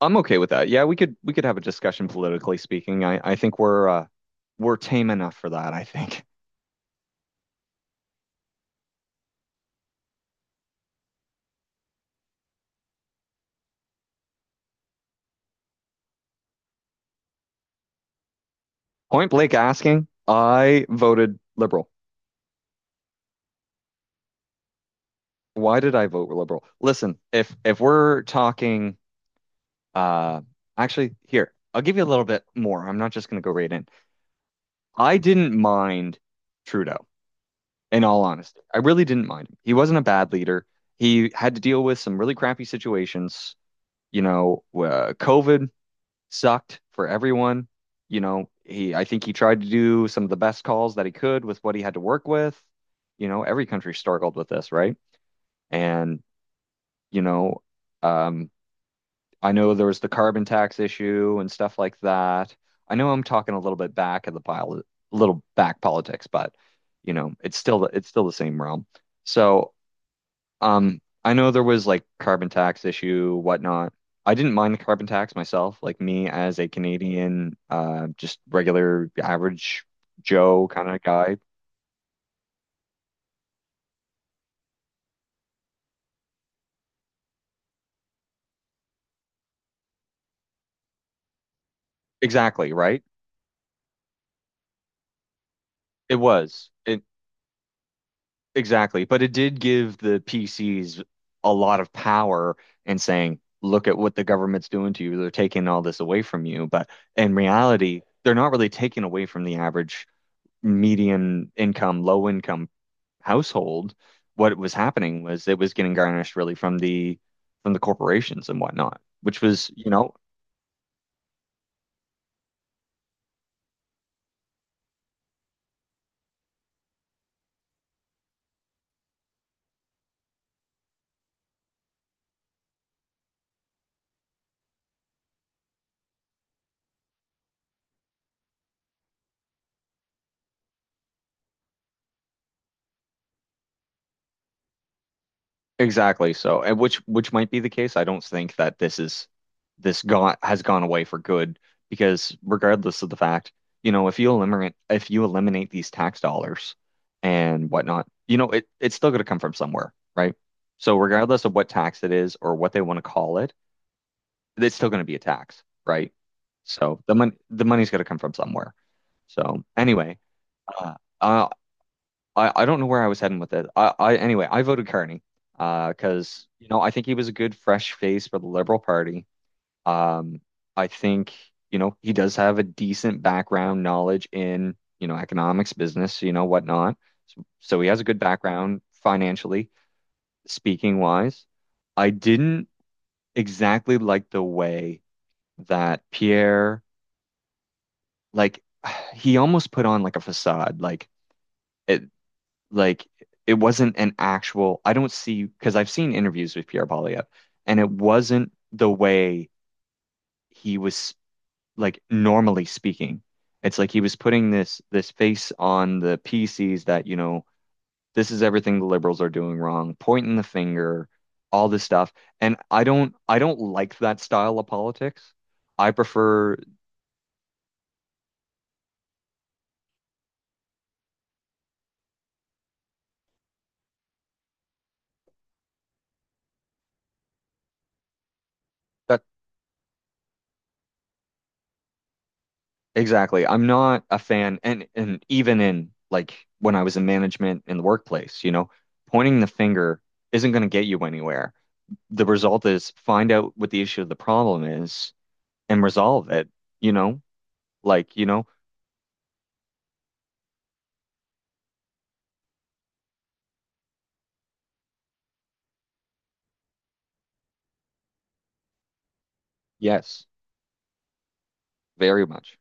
I'm okay with that. Yeah, we could have a discussion politically speaking. I think we're we're tame enough for that, I think. Point blank asking, I voted liberal. Why did I vote liberal? Listen, if we're talking uh actually here, I'll give you a little bit more. I'm not just going to go right in. I didn't mind Trudeau in all honesty. I really didn't mind him. He wasn't a bad leader. He had to deal with some really crappy situations, you know, COVID sucked for everyone. You know, he I think he tried to do some of the best calls that he could with what he had to work with. You know, every country struggled with this, right? And, you know, um, I know there was the carbon tax issue and stuff like that. I know I'm talking a little bit back of the pile, a little back politics, but you know, it's still the same realm. So I know there was like carbon tax issue, whatnot. I didn't mind the carbon tax myself, like me as a Canadian, just regular average Joe kind of guy. Exactly, right? It was. It Exactly. But it did give the PCs a lot of power in saying, look at what the government's doing to you. They're taking all this away from you. But in reality, they're not really taking away from the average median income, low income household. What was happening was it was getting garnished really from the corporations and whatnot, which was, you know, exactly. So, and which might be the case. I don't think that this is this gone has gone away for good because regardless of the fact, you know, if you eliminate these tax dollars and whatnot, you know, it's still going to come from somewhere, right? So regardless of what tax it is or what they want to call it, it's still going to be a tax, right? So the money's got to come from somewhere. So anyway, uh, uh, I don't know where I was heading with it. I anyway I voted Carney because you know I think he was a good fresh face for the Liberal Party. Um, I think you know he does have a decent background knowledge in you know economics, business, you know whatnot. So he has a good background financially speaking wise. I didn't exactly like the way that Pierre, like he almost put on like a facade, it like it wasn't an actual, I don't see because I've seen interviews with Pierre Polyev and it wasn't the way he was like normally speaking. It's like he was putting this face on the PCs that you know this is everything the liberals are doing wrong, pointing the finger, all this stuff. And I don't like that style of politics. I prefer. Exactly. I'm not a fan, and even in, like, when I was in management in the workplace, you know, pointing the finger isn't going to get you anywhere. The result is find out what the issue of the problem is and resolve it, you know? Like, you know, yes, very much.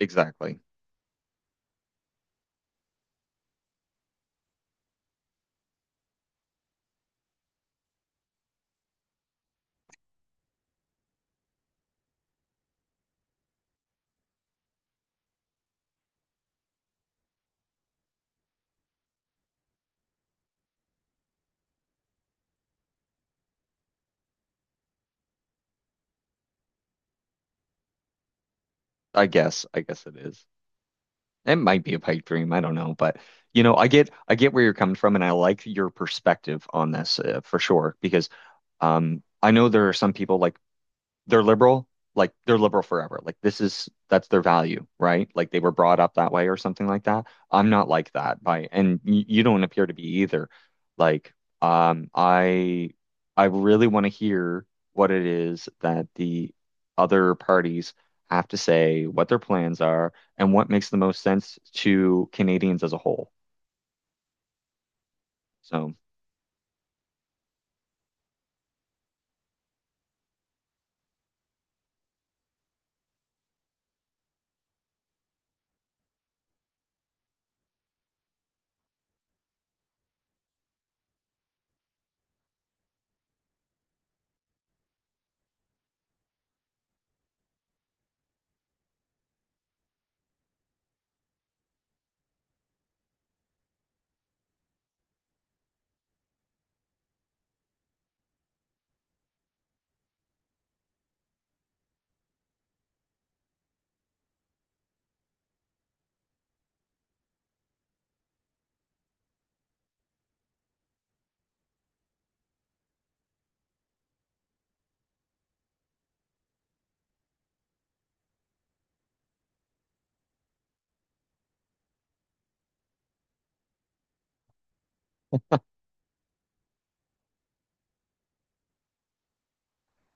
Exactly. I guess it is. It might be a pipe dream, I don't know, but you know, I get where you're coming from, and I like your perspective on this, for sure. Because I know there are some people, like, they're liberal, like they're liberal forever. Like this is, that's their value, right? Like they were brought up that way or something like that. I'm not like that, by and y you don't appear to be either. Like, um I I really want to hear what it is that the other parties have to say, what their plans are, and what makes the most sense to Canadians as a whole. So,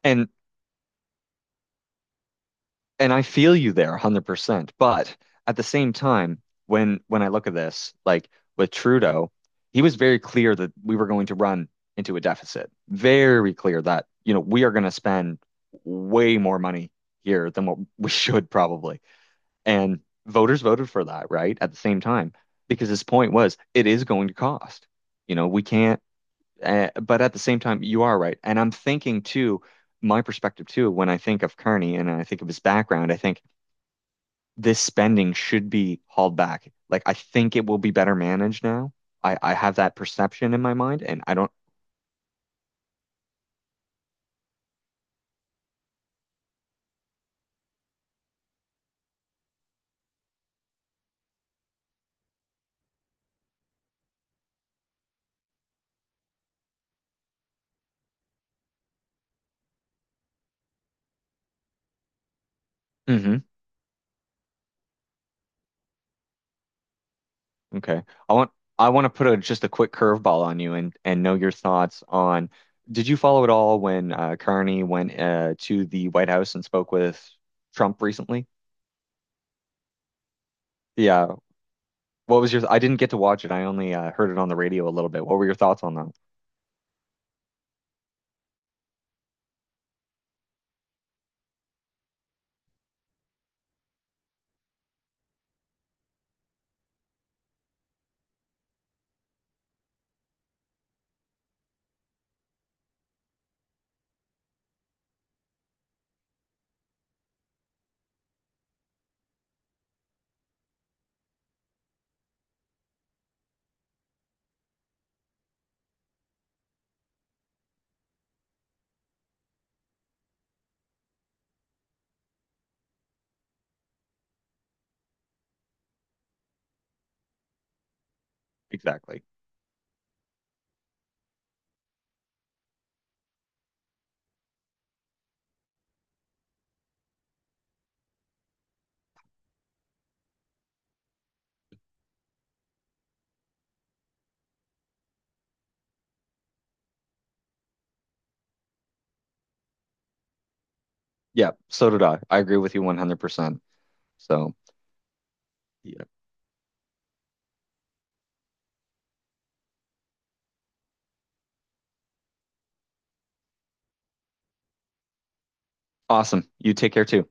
and and I feel you there 100%. But at the same time, when I look at this, like with Trudeau, he was very clear that we were going to run into a deficit. Very clear that, you know, we are going to spend way more money here than what we should probably. And voters voted for that, right? At the same time, because his point was it is going to cost. You know, we can't, but at the same time, you are right. And I'm thinking too, my perspective too, when I think of Carney and I think of his background, I think this spending should be hauled back. Like I think it will be better managed now. I have that perception in my mind, and I don't. Hmm. Okay. I want I want to put a just a quick curveball on you and know your thoughts on. Did you follow it all when Carney went to the White House and spoke with Trump recently? Yeah. What was your? I didn't get to watch it. I only heard it on the radio a little bit. What were your thoughts on that? Exactly. Yeah. So did I. I agree with you 100%. So, yeah. Awesome. You take care too.